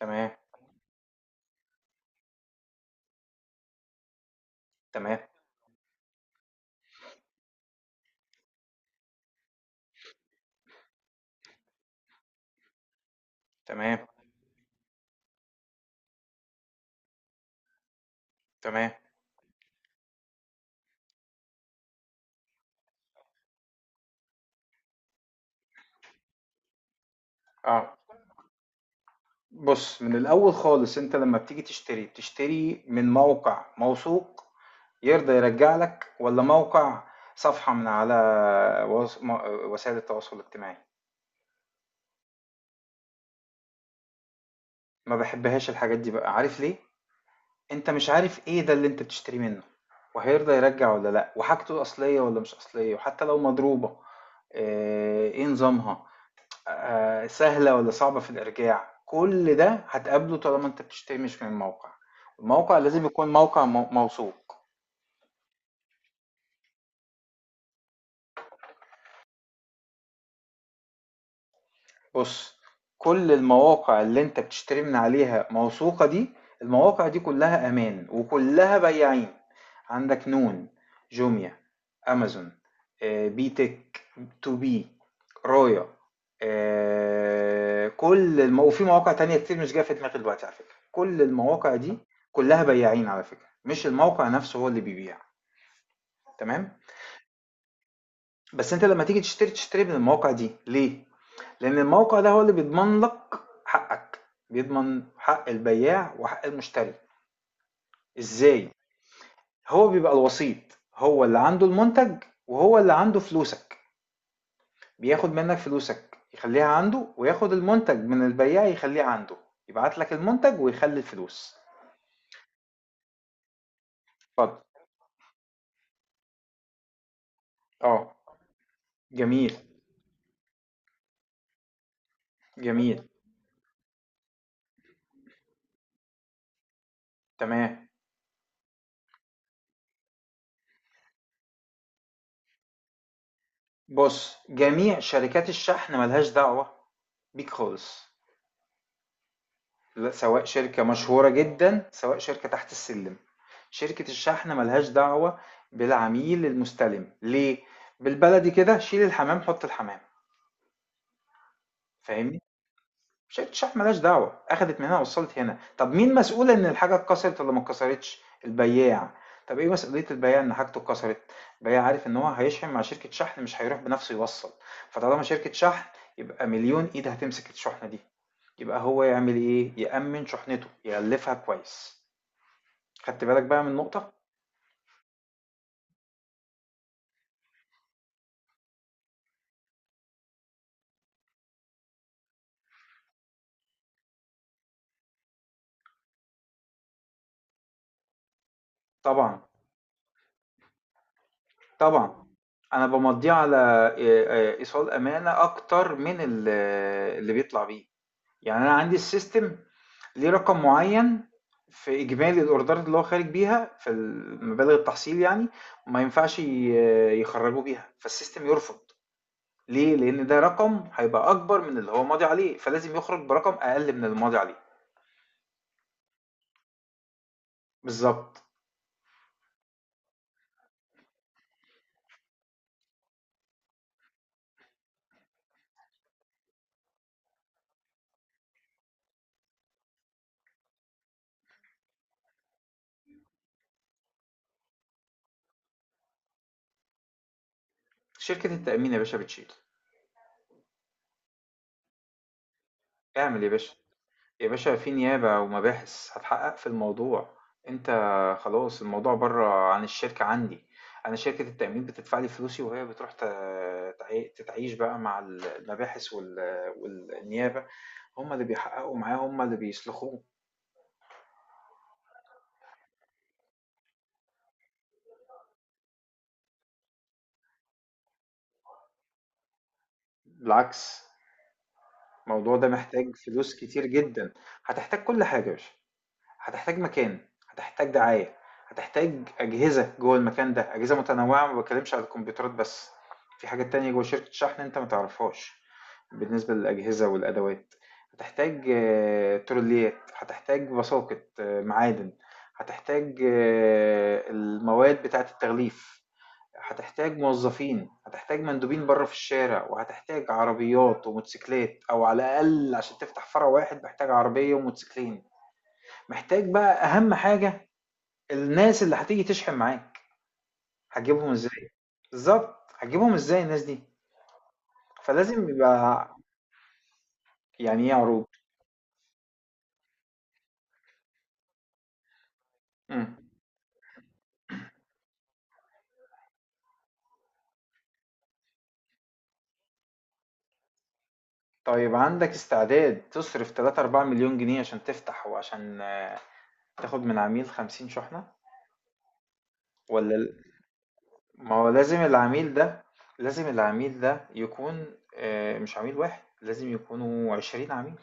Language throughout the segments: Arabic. تمام، تمام، تمام، تمام، آه. بُص، من الأول خالص أنت لمّا بتيجي تشتري، بتشتري من موقع موثوق يرضى يرجّع لك والّا موقع صفحة من على وس م وسائل التواصل الاجتماعي؟ ما باحبهاش الحاجات دي بقى، عارف ليه؟ أنت مش عارف إيه ده اللي أنت بتشتريه منه وهيرضى يرجّع والّا لأ وحاجته أصلية والّا مش أصلية وحتى لو مضروبة، آآ، إيه نظامها؟ سهلة والّا صعبة في الإرجاع، كل ده هتقابله طالما أنت بتشتري مش من موقع، الموقع لازم يكون موقع موثوق. بُص، كل المواقع اللي أنت بتشتري من عليها موثوقة دي، المواقع دي كلها أمان وكلها بياعين، عندك نون، جوميا، أمازون، بي تِك، تو بي، رايا، كل الم وفي مواقع تانية كتير مش جاية في دماغي دلوقتي على فكرة، كل المواقع دي كلها بياعين على فكرة، مش الموقع نفسه هو اللي بيبيع، تمام؟ بس أنت لما تيجي تشتري، تشتري من المواقع دي ليه؟ لأن الموقع ده هو اللي بيضمن لك حقك، بيضمن حق البياع وحق المشتري. ازاي؟ هو بيبقى الوسيط، هو اللي عنده المنتج وهو اللي عنده فلوسك، بياخد منك فلوسك يخليها عنده وياخد المنتج من البياع يخليه عنده، يبعت لك المنتج ويخلي الفلوس. اتفضل. اه. جميل. جميل. تمام. بص، جميع شركات الشحن ملهاش دعوة بيك خالص. لا، سواء شركة مشهورة جدا سواء شركة تحت السلم، شركة الشحن ملهاش دعوة بالعميل المستلم. ليه؟ بالبلدي كده، شيل الحمام حط الحمام. فاهمني؟ شركة الشحن ملهاش دعوة، أخدت من هنا وصلت هنا. طب مين مسؤول إن الحاجة اتكسرت ولا ما اتكسرتش؟ البياع. طب إيه مسؤولية البياع إن حاجته اتكسرت؟ البياع عارف إن هو هيشحن مع شركة شحن، مش هيروح بنفسه يوصل. فطالما شركة شحن، يبقى مليون إيد هتمسك الشحنة دي. يبقى هو يعمل ايه؟ يأمن شحنته، يغلفها كويس. خدت بالك بقى من نقطة؟ طبعًا، طبعًا. أنا بامضّيه على إيصال أمانة أكتر من اللي بيطلع بيه. يعني أنا عندي الsystem ليه رقم معيّن في إجمالي الأوردرات اللي هو خارج بيها في المبالغ التحصيل، يعني ما ينفعش يخرّجوه بيها، فالsystem يرفض. ليه؟ لإن ده رقم هيبقى أكبر من اللي هو ماضي عليه، فلازم يخرج برقم أقل من الماضي عليه. بالضبط. شركة التأمين يا باشا بتشيل. اعمل يا باشا. يا باشا في نيابة ومباحث هتحقق في الموضوع. انت خلاص، الموضوع بره عن الشركة عندي. انا شركة التأمين بتدفع لي فلوسي وهي بتروح تتعيش بقى مع المباحث والنيابة، هم اللي بيحققوا معاه، هم اللي بيسلخوه. بالعكس، الموضوع ده محتاج فلوس كتير جدا. هتحتاج كل حاجة يا باشا، هتحتاج مكان، هتحتاج دعاية، هتحتاج أجهزة جوه المكان ده، أجهزة متنوعة، ما بتكلمش على الكمبيوترات بس، في حاجات تانية جوه شركة شحن أنت ما تعرفهاش. بالنسبة للأجهزة والأدوات، هتحتاج تروليات، هتحتاج بساقط معادن، هتحتاج المواد بتاعة التغليف، هتحتاج موظفين، هتحتاج مندوبين بره في الشارع، وهتحتاج عربيات وموتوسيكلات، أو على الأقل عشان تفتح فرع واحد محتاج عربية وموتوسيكلين. محتاج بقى اهم حاجه، الناس اللي هتيجي تشحن معاك. هتجيبهم ازاي؟ بالظبط، هتجيبهم ازاي الناس دي؟ فلازم يبقى. يعني ايه عروض؟ مم. طيب عندك استعداد تصرف 3 4 مليون جنيه عشان تفتح وعشان تاخد من عميل 50 شحنة؟ ولا ال-، ما هو لازم العميل ده، لازم العميل ده يكون، مش عميل واحد، لازم يكونوا 20 عميل،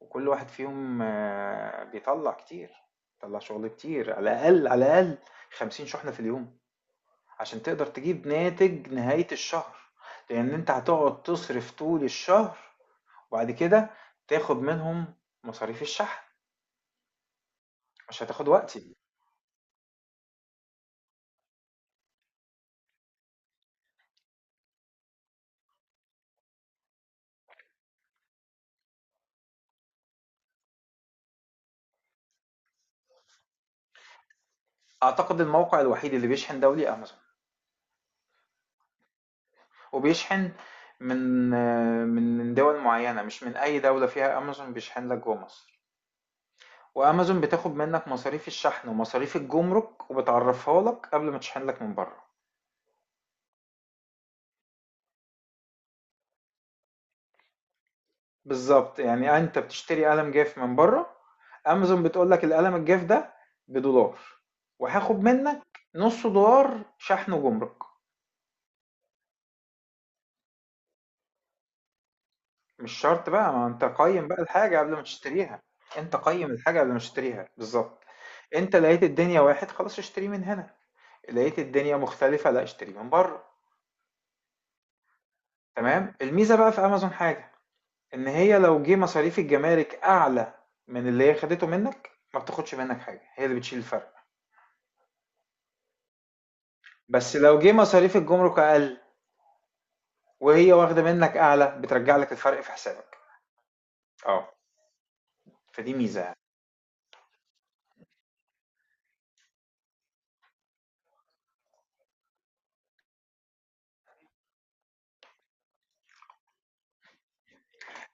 وكل واحد فيهم بيطلع كتير، بيطلع شغل كتير على الأقل، على الأقل 50 شحنة في اليوم، عشان تقدر تجيب ناتج نهاية الشهر. لأن أنت هتقعد تصرف طول الشهر، وبعد كده تاخد منهم مصاريف الشحن. مش هتاخد وقت. أعتقد الموقع الوحيد اللي بيشحن دولي أمازون، وبيشحن من من دول معينة، مش من أي دولة فيها أمازون بيشحن لك جوه مصر. وامازون بتاخد منك مصاريف الشحن ومصاريف الجمرك، وبتعرفها لك قبل ما تشحن لك من بره. بالظبط. يعني انت بتشتري قلم جاف من بره، امازون بتقول لك القلم الجاف ده بدولار، وهاخد منك نص دولار شحن وجمرك. مش شرط بقى، ما انت قيم بقى الحاجة قبل ما تشتريها. انت قيم الحاجة قبل ما تشتريها بالظبط. انت لقيت الدنيا واحد، خلاص اشتري من هنا. لقيت الدنيا مختلفة، لا اشتري من بره. تمام. الميزة بقى في امازون حاجة، ان هي لو جه مصاريف الجمارك اعلى من اللي هي خدته منك، ما بتاخدش منك حاجه، هي اللي بتشيل الفرق. بس لو جه مصاريف الجمرك اقل، وهي واخده منك اعلى، بترجع لك الفرق في حسابك. اه، فدي ميزه يعني.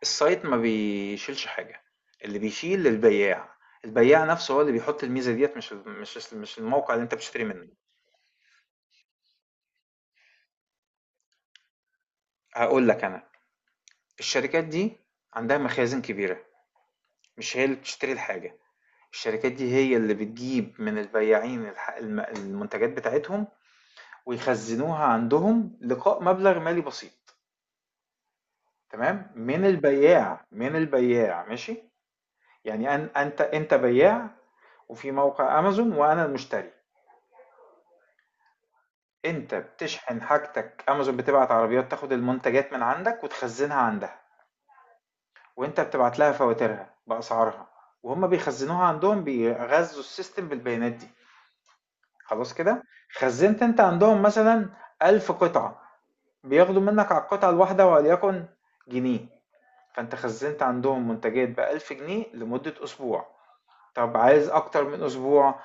السايت ما بيشيلش حاجه، اللي بيشيل البياع. البياع نفسه هو اللي بيحط الميزه ديت، مش الموقع اللي انت بتشتري منه. هقول لك انا، الشركات دي عندها مخازن كبيره، مش هي اللي بتشتري الحاجه. الشركات دي هي اللي بتجيب من البياعين المنتجات بتاعتهم، ويخزنوها عندهم لقاء مبلغ مالي بسيط. تمام، من البياع من البياع، ماشي. يعني أن انت بياع، وفي موقع امازون، وانا المشتري. انت بتشحن حاجتك، امازون بتبعت عربيات تاخد المنتجات من عندك وتخزنها عندها، وانت بتبعت لها فواتيرها باسعارها، وهم بيخزنوها عندهم، بيغذوا السيستم بالبيانات دي. خلاص كده. خزنت انت عندهم مثلا 1000 قطعة، بياخدوا منك على القطعة الواحدة وليكن جنيه، فانت خزنت عندهم منتجات ب1000 جنيه لمدة أسبوع. طب عايز أكتر من أسبوع،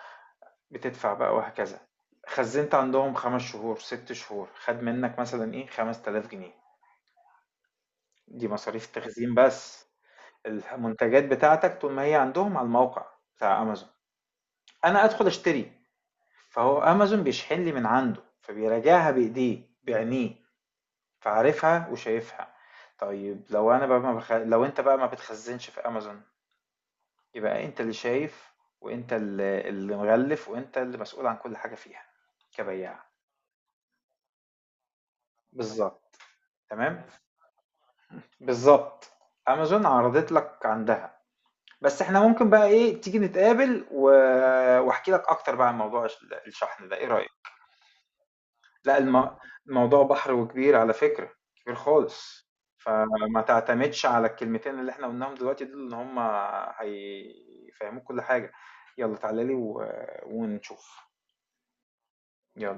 بتدفع بقى وهكذا. خزنت عندهم 5 شهور 6 شهور، خد منك مثلا ايه 5000 جنيه، دي مصاريف التخزين بس. المنتجات بتاعتك طول ما هي عندهم على الموقع بتاع أمازون، أنا أدخل أشتري، فهو أمازون بيشحن لي من عنده، فبيراجعها بإيديه بعينيه، فعارفها وشايفها. طيب لو انا بقى ما بخ... لو انت بقى ما بتخزنش في امازون، يبقى انت اللي شايف، وانت اللي مغلف، وانت اللي مسؤول عن كل حاجة فيها، كبياع. بالظبط. تمام، بالظبط. امازون عرضت لك عندها، بس احنا ممكن بقى ايه، تيجي نتقابل، و... واحكي لك اكتر بقى عن موضوع الشحن ده، ايه رأيك؟ لأ، الموضوع بحر وكبير على فكرة، كبير خالص، فما تعتمدش على الكلمتين اللي إحنا قُلناهم دلوقتي دول إن هم هيفهّموك كل حاجة، يالّا تعالَ لي ونشوف، يالّا.